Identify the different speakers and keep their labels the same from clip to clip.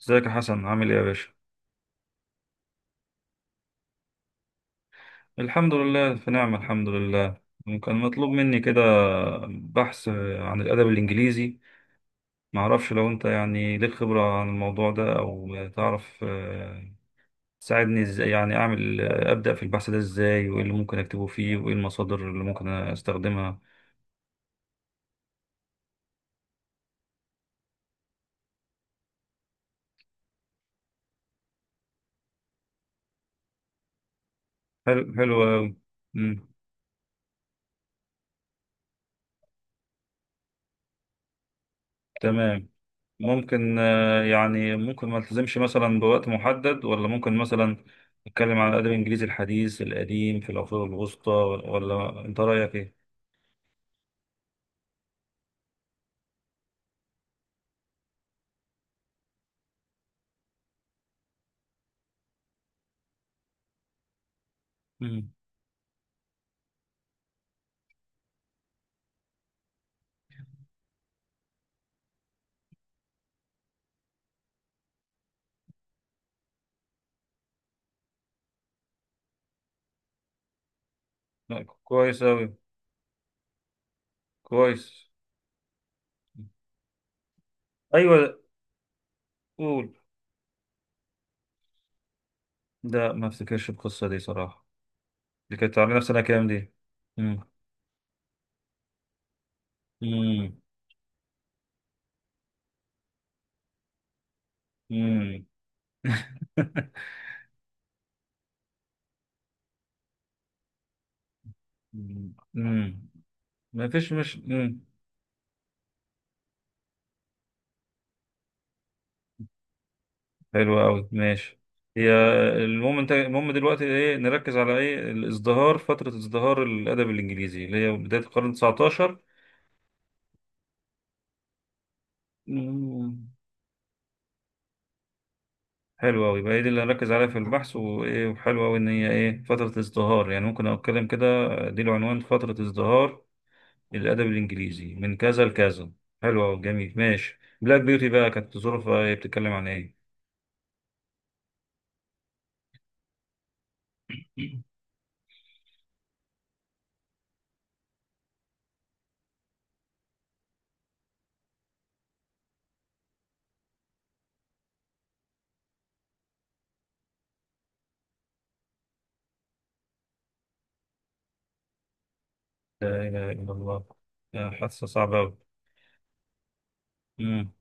Speaker 1: ازيك يا حسن، عامل ايه يا باشا؟ الحمد لله في نعمة، الحمد لله. يعني كان مطلوب مني كده بحث عن الأدب الإنجليزي. معرفش لو انت يعني ليك خبرة عن الموضوع ده او تعرف، تساعدني ازاي، يعني اعمل، أبدأ في البحث ده ازاي، وايه اللي ممكن اكتبه فيه، وايه المصادر اللي ممكن استخدمها؟ حلو، حلو أوي. مم، تمام. ممكن، يعني ممكن ما التزمش مثلا بوقت محدد، ولا ممكن مثلا نتكلم على الادب الانجليزي الحديث، القديم، في العصور الوسطى، ولا انت رايك ايه؟ مم. لا كويس اوي. كويس. ايوه. قول. لا، ما افتكرش القصه دي صراحه. دي كانت على نفسنا كام دي؟ امم. امم. امم. امم. ما فيش مش مم. حلو قوي، ماشي. هي. المهم دلوقتي ايه نركز على ايه؟ الازدهار، فترة ازدهار الادب الانجليزي اللي هي بداية القرن 19. مم. حلو قوي. يبقى هي دي اللي هركز عليها في البحث، وايه، وحلو قوي ان هي ايه فترة ازدهار، يعني ممكن اتكلم كده. دي العنوان، فترة ازدهار الادب الانجليزي من كذا لكذا. حلو قوي، جميل، ماشي. بلاك بيوتي بقى كانت ظروفها ايه، بتتكلم عن ايه؟ لا اله الا الله. آه، حادثة صعبة قوي. امم.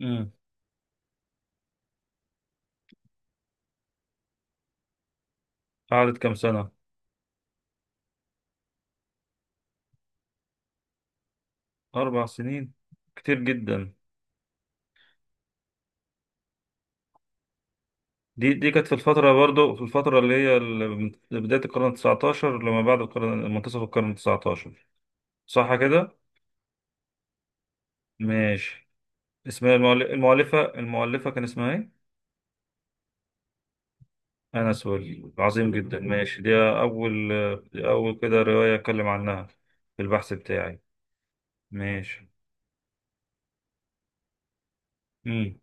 Speaker 1: امم. قعدت كام سنة؟ أربع سنين. كتير جدا. دي كانت في الفترة، برضو في الفترة اللي هي من بداية القرن التسعتاشر لما بعد منتصف القرن التسعتاشر. صح كده؟ ماشي. اسمها المؤلفة كان اسمها ايه؟ أنا سوري، عظيم جدا، ماشي، دي أول كده رواية أتكلم عنها في البحث بتاعي. ماشي. مم.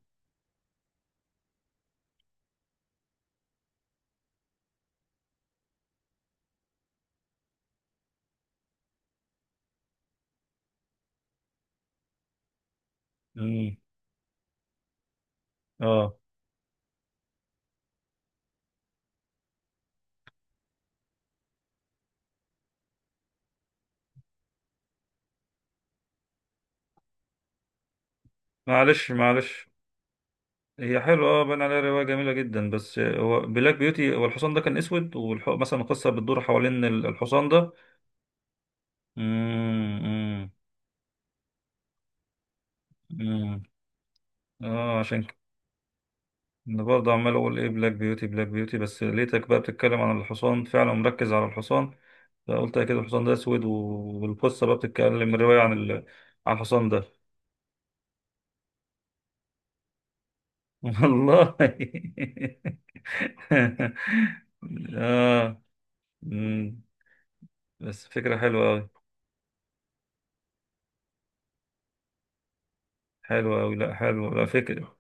Speaker 1: مم. اه. معلش، معلش. هي حلوة، اه، باين عليها رواية جميلة جدا. بس هو بلاك بيوتي، هو الحصان ده كان اسود مثلا القصة بتدور حوالين الحصان ده. امم. امم. امم. اه، عشان كده. انا برضه عمال اقول ايه، بلاك بيوتي، بلاك بيوتي، بس لقيتك بقى بتتكلم عن الحصان، فعلا مركز على الحصان. فقلت اكيد الحصان ده اسود، والقصة بقى بتتكلم، الرواية عن عن الحصان ده. والله. اه. أمم. بس فكرة حلوة أوي. حلوة أوي، لا حلوة، لا فكرة.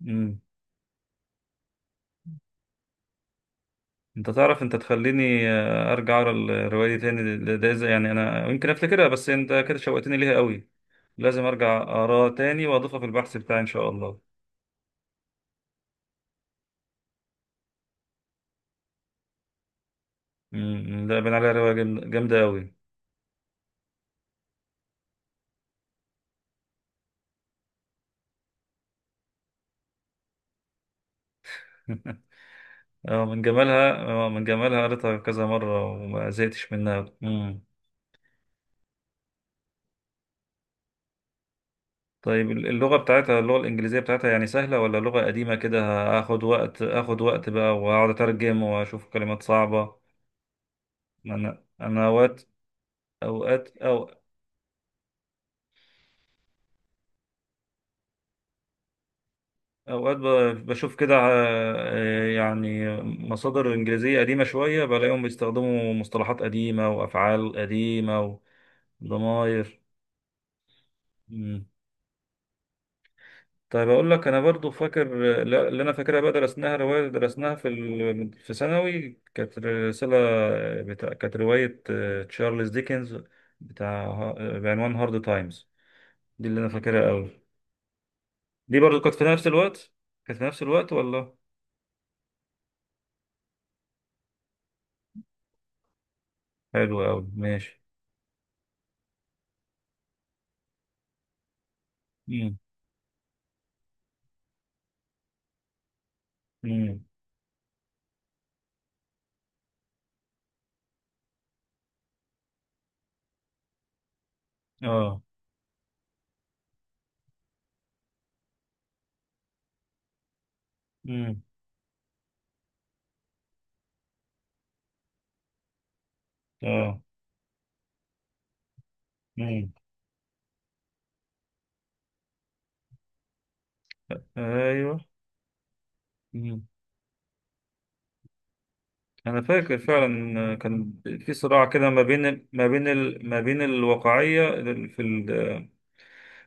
Speaker 1: مم. انت تعرف، انت تخليني، ارجع اقرا الروايه دي تاني. يعني انا يمكن افتكرها بس انت كده شوقتني ليها قوي. لازم ارجع اقراها تاني واضيفها في البحث بتاعي ان شاء الله. مم. لا، بين عليها روايه جامده قوي. اه من جمالها، اه من جمالها قريتها كذا مره وما زهقتش منها. طيب، اللغه الانجليزيه بتاعتها يعني سهله ولا لغه قديمه كده؟ هاخد وقت اخد وقت بقى واقعد اترجم واشوف كلمات صعبه. ما انا اوقات، اوقات أو اوقات بشوف كده، يعني مصادر انجليزيه قديمه شويه بلاقيهم بيستخدموا مصطلحات قديمه وافعال قديمه وضمائر. مم. طيب، اقول لك انا برضو فاكر، اللي انا فاكرها بقى درسناها روايه في ثانوي كانت رساله، بتاع، كانت روايه، تشارلز ديكنز، بتاع، بعنوان هارد تايمز، دي اللي انا فاكرها قوي. دي برضو كانت في نفس الوقت، كانت في نفس الوقت ولا؟ حلو قوي، ماشي. مم. مم. اه. امم. اه. امم. ايوه. امم. انا فاكر فعلا كان في صراع كده ما بين الواقعيه في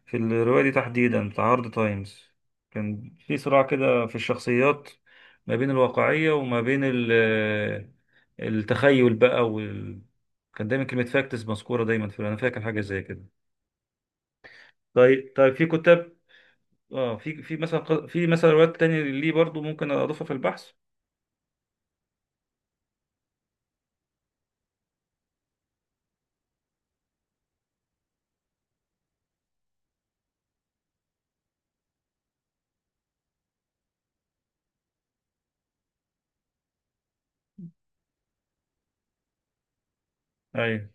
Speaker 1: في الروايه دي تحديدا بتاع هارد تايمز، كان في صراع كده في الشخصيات، ما بين الواقعيه وما بين التخيل بقى كان دايما كلمه فاكتس مذكوره دايما، في انا فاكر حاجه زي كده. طيب، طيب، في كتاب، اه، في مثلا روايات تانية ليه برضو ممكن اضيفها في البحث؟ ايوه.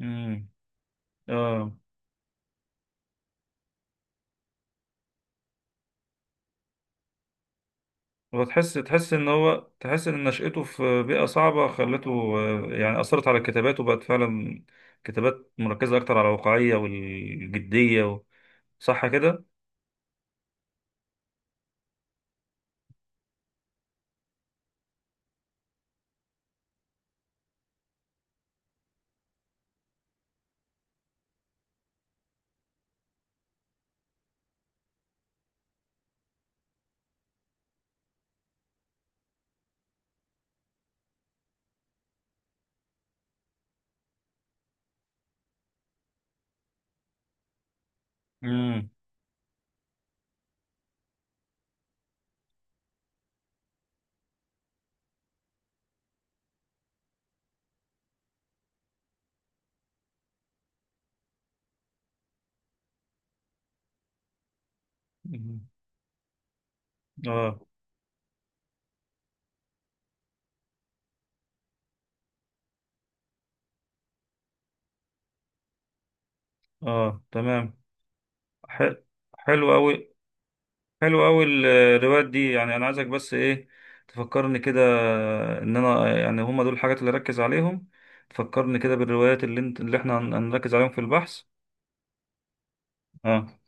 Speaker 1: امم. اه. هو تحس ان نشأته في بيئة صعبة خلته، يعني أثرت على كتاباته، بقت فعلا كتابات مركزة أكتر على الواقعية والجدية صح كده؟ امم. أمم. اه. اه، تمام. حل... حلو أوي. حلو أوي الروايات دي، يعني أنا عايزك بس إيه، تفكرني كده إن أنا يعني هما دول الحاجات اللي أركز عليهم، تفكرني كده بالروايات اللي احنا هنركز عليهم في البحث. اه.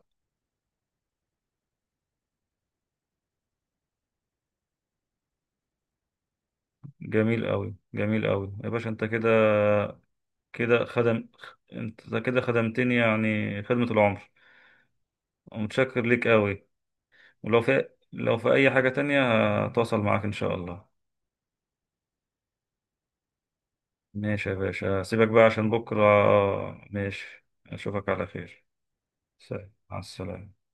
Speaker 1: جميل قوي، جميل قوي يا باشا، انت كده، كده خدم، انت كده خدمتني يعني خدمة العمر. ومتشكر ليك قوي. ولو في اي حاجة تانية، هتواصل معاك ان شاء الله. ماشي يا باشا، سيبك بقى عشان بكرة. ماشي، اشوفك على خير. سلام، مع السلامة.